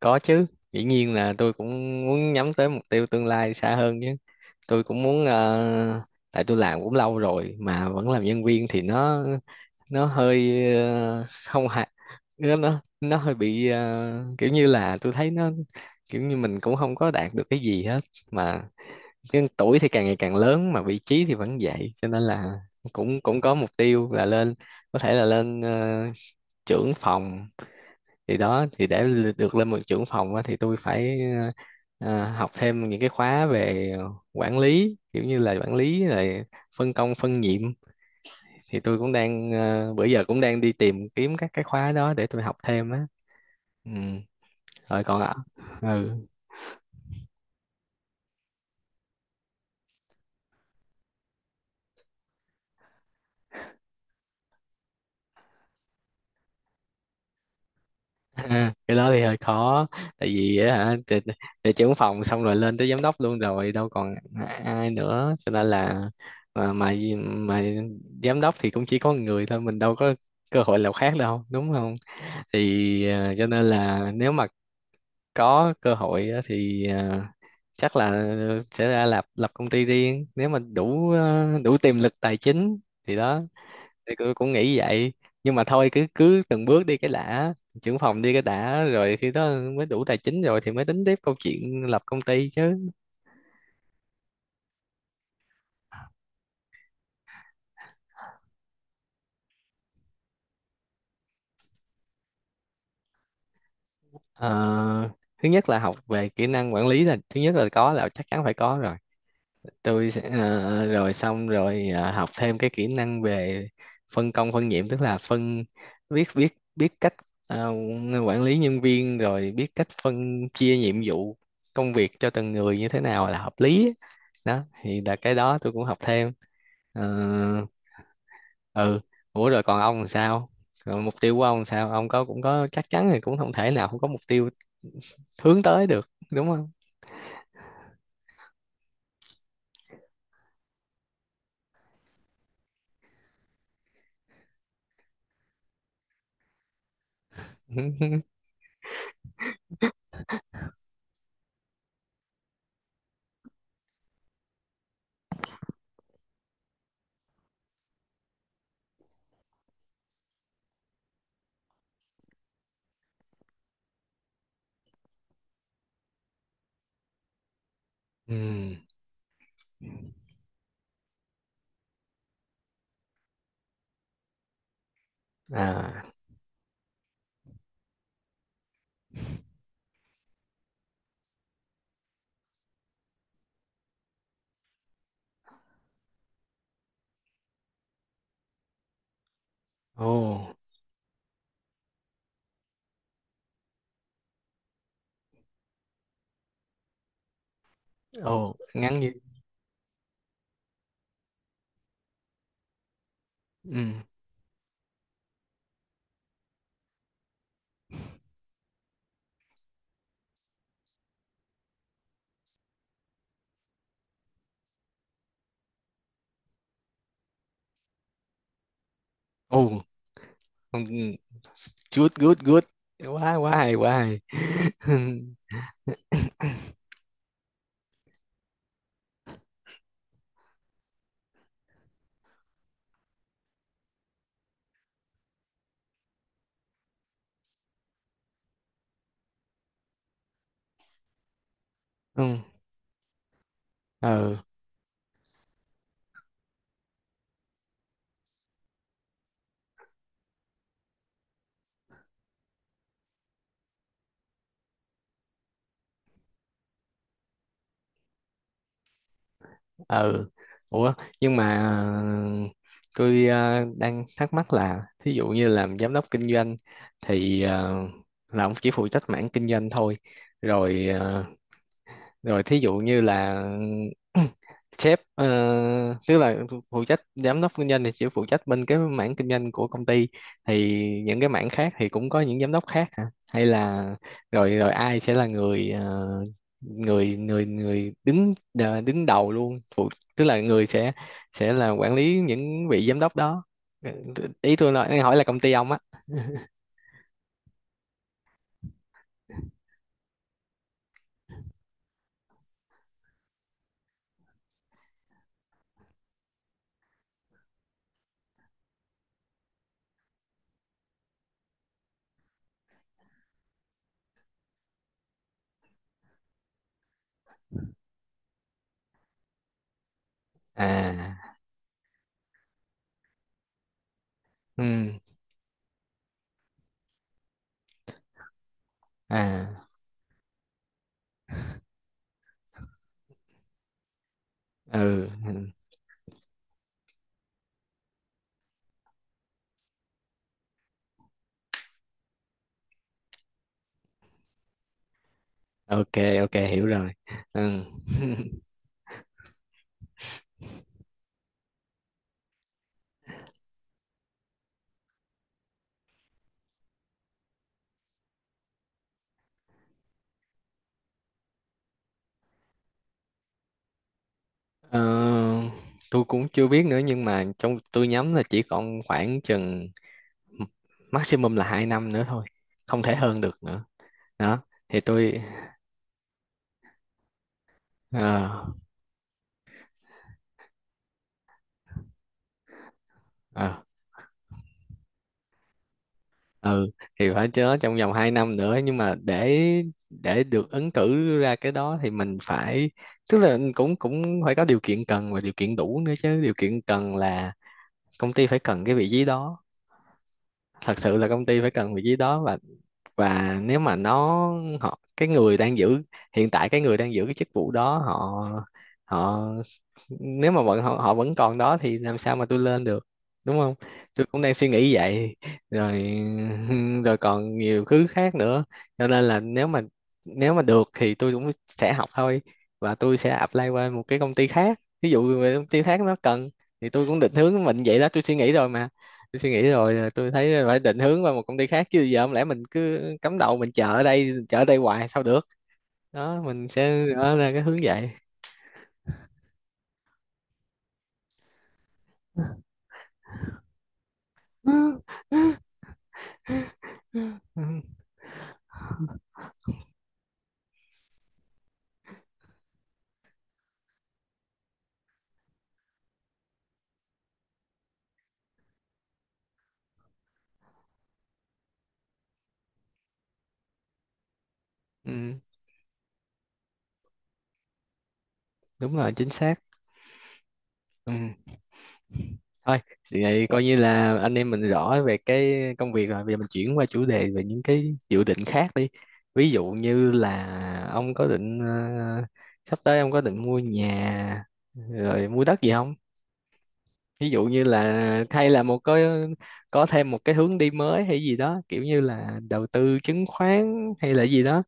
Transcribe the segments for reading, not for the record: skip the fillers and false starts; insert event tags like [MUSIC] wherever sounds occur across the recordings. Có chứ, dĩ nhiên là tôi cũng muốn nhắm tới mục tiêu tương lai xa hơn chứ. Tôi cũng muốn tại tôi làm cũng lâu rồi mà vẫn làm nhân viên thì nó hơi không hài, nó hơi bị kiểu như là tôi thấy nó kiểu như mình cũng không có đạt được cái gì hết mà, nhưng tuổi thì càng ngày càng lớn mà vị trí thì vẫn vậy, cho nên là cũng cũng có mục tiêu là lên, có thể là lên trưởng phòng. Thì đó, thì được lên một trưởng phòng á, thì tôi phải học thêm những cái khóa về quản lý, kiểu như là quản lý rồi phân công phân nhiệm. Thì tôi cũng đang bữa giờ cũng đang đi tìm kiếm các cái khóa đó để tôi học thêm á, ừ. Rồi còn ạ, ừ. Ha, cái đó thì hơi khó, tại vì á hả thì trưởng phòng xong rồi lên tới giám đốc luôn rồi đâu còn ai nữa cho nên là, mà mà, mà giám đốc thì cũng chỉ có một người thôi, mình đâu có cơ hội nào khác đâu, đúng không. Thì cho nên là nếu mà có cơ hội á, thì chắc là sẽ ra lập lập công ty riêng, nếu mà đủ đủ tiềm lực tài chính, thì đó. Thì tôi cũng nghĩ vậy, nhưng mà thôi cứ cứ từng bước đi cái đã, trưởng phòng đi cái đã rồi khi đó mới đủ tài chính rồi thì mới tính tiếp câu chuyện lập công ty chứ. Ờ, thứ nhất là học về kỹ năng quản lý là thứ nhất, là có là chắc chắn phải có rồi. Tôi sẽ rồi xong rồi học thêm cái kỹ năng về phân công phân nhiệm, tức là phân biết biết biết cách ờ, quản lý nhân viên, rồi biết cách phân chia nhiệm vụ công việc cho từng người như thế nào là hợp lý á. Đó thì là cái đó tôi cũng học thêm. Ờ, ừ, ủa rồi còn ông làm sao, rồi mục tiêu của ông làm sao, ông có cũng có chắc chắn thì cũng không thể nào không có mục tiêu hướng tới được, đúng không. [LAUGHS] ừ, à, ồ. Ồ, ngắn như, ừ. Ồ, oh, good, good, good. Quá, quá hay, quá hay. [LAUGHS] Ừ, ờ, ờ. Ủa, nhưng mà tôi đang thắc mắc là thí dụ như làm giám đốc kinh doanh thì là ông chỉ phụ trách mảng kinh doanh thôi. Rồi rồi thí dụ như là [CLEARS THROAT] sếp, tức là phụ trách giám đốc kinh doanh thì chỉ phụ trách bên cái mảng kinh doanh của công ty, thì những cái mảng khác thì cũng có những giám đốc khác hả, hay là rồi rồi ai sẽ là người người đứng đứng đầu luôn phụ, tức là người sẽ là quản lý những vị giám đốc đó. Ừ, ý tôi nói hỏi là công ty ông á. À, ừ, à, ừ, ừ, ok, ok, hiểu rồi, ừ. [LAUGHS] Ờ, tôi cũng chưa biết nữa nhưng mà trong tôi nhắm là chỉ còn khoảng chừng maximum là 2 năm nữa thôi, không thể hơn được nữa, đó. Thì tôi ờ ờ, ừ thì phải chớ, trong vòng 2 năm nữa, nhưng mà để được ứng cử ra cái đó thì mình phải, tức là cũng cũng phải có điều kiện cần và điều kiện đủ nữa chứ. Điều kiện cần là công ty phải cần cái vị trí đó, thật sự là công ty phải cần vị trí đó, và nếu mà nó, họ cái người đang giữ, hiện tại cái người đang giữ cái chức vụ đó họ, họ, nếu mà vẫn họ vẫn còn đó thì làm sao mà tôi lên được, đúng không. Tôi cũng đang suy nghĩ vậy, rồi. [LAUGHS] Rồi còn nhiều thứ khác nữa, cho nên là nếu mà, nếu mà được thì tôi cũng sẽ học thôi, và tôi sẽ apply qua một cái công ty khác, ví dụ về công ty khác nó cần, thì tôi cũng định hướng mình vậy đó. Tôi suy nghĩ rồi mà, tôi suy nghĩ rồi à, tôi thấy phải định hướng vào một công ty khác chứ giờ không lẽ mình cứ cắm đầu mình chờ ở đây, chờ ở đây hoài sao được. Đó, mình sẽ ở ra cái hướng vậy. [LAUGHS] Ừ, ừ, đúng rồi, chính xác, ừ. Thôi thì vậy, coi như là anh em mình rõ về cái công việc rồi, bây giờ mình chuyển qua chủ đề về những cái dự định khác đi. Ví dụ như là ông có định sắp tới ông có định mua nhà rồi mua đất gì không, ví dụ như là, hay là một cái, có thêm một cái hướng đi mới hay gì đó, kiểu như là đầu tư chứng khoán hay là gì đó,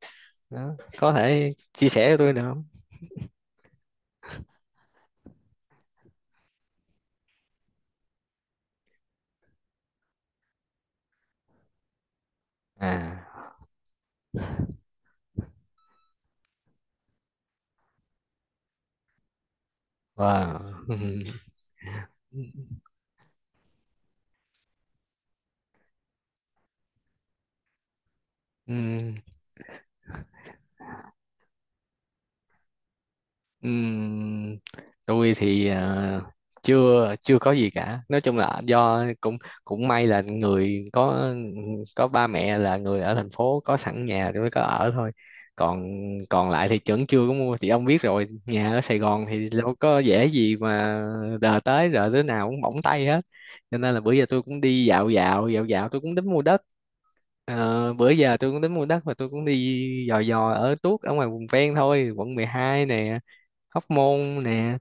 đó. Có thể chia sẻ cho tôi được không. À, wow. [LAUGHS] Ừ. Ừ. Ừm, tôi thì à, chưa chưa có gì cả, nói chung là do cũng cũng may là người có ba mẹ là người ở thành phố có sẵn nhà tôi mới có ở thôi, còn còn lại thì vẫn chưa có mua. Thì ông biết rồi, nhà ở Sài Gòn thì đâu có dễ gì mà đờ tới, rồi đứa nào cũng bỏng tay hết, cho nên là bữa giờ tôi cũng đi dạo dạo tôi cũng đến mua đất. Ờ, bữa giờ tôi cũng tính mua đất mà tôi cũng đi dò dò ở tuốt ở ngoài vùng ven thôi, quận 12 nè, Hóc Môn nè,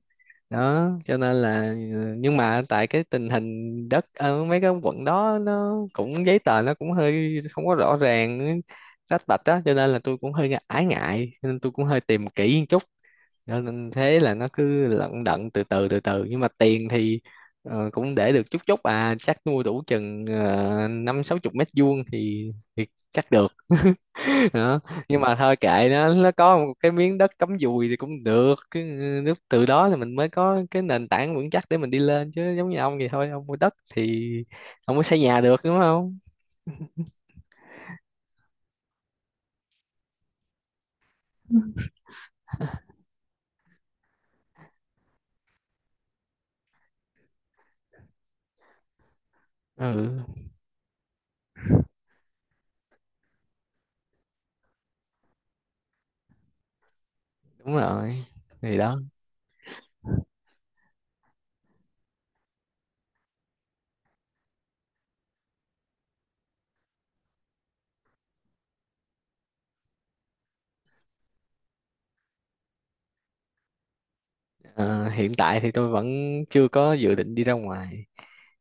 đó. Cho nên là nhưng mà tại cái tình hình đất ở mấy cái quận đó nó cũng giấy tờ nó cũng hơi không có rõ ràng, rách bạch á, cho nên là tôi cũng hơi ái ngại, cho nên tôi cũng hơi tìm kỹ một chút. Cho nên thế là nó cứ lận đận từ từ, nhưng mà tiền thì cũng để được chút chút à, chắc nuôi đủ chừng năm sáu chục mét vuông thì chắc được. [LAUGHS] Đó. Nhưng mà thôi kệ nó có một cái miếng đất cắm dùi thì cũng được, cái nước từ đó thì mình mới có cái nền tảng vững chắc để mình đi lên chứ, giống như ông vậy thôi, ông mua đất thì ông mới xây nhà được, đúng không. Ừ, đúng rồi, thì đó. Ờ, hiện tại thì tôi vẫn chưa có dự định đi ra ngoài,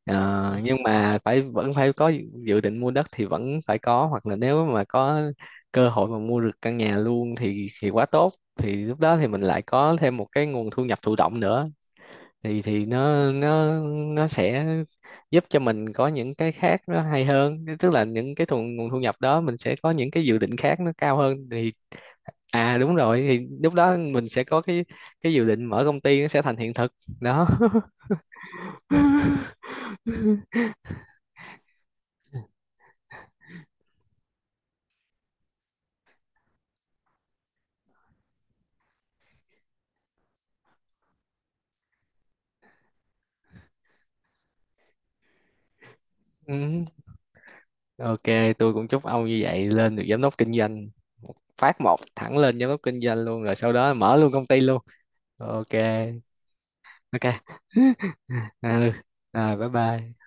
Ờ, nhưng mà phải vẫn phải có dự định mua đất thì vẫn phải có, hoặc là nếu mà có cơ hội mà mua được căn nhà luôn thì quá tốt, thì lúc đó thì mình lại có thêm một cái nguồn thu nhập thụ động nữa, thì nó nó sẽ giúp cho mình có những cái khác nó hay hơn, tức là những cái thu, nguồn thu nhập đó mình sẽ có những cái dự định khác nó cao hơn thì, à đúng rồi, thì lúc đó mình sẽ có cái dự định mở công ty nó sẽ thành hiện thực, đó. [LAUGHS] Ừ. Ok, tôi cũng chúc ông như vậy, lên được giám đốc kinh doanh. Phát một thẳng lên giám đốc kinh doanh luôn rồi sau đó mở luôn công ty luôn. Ok, ok. [LAUGHS] Ừ, bye bye.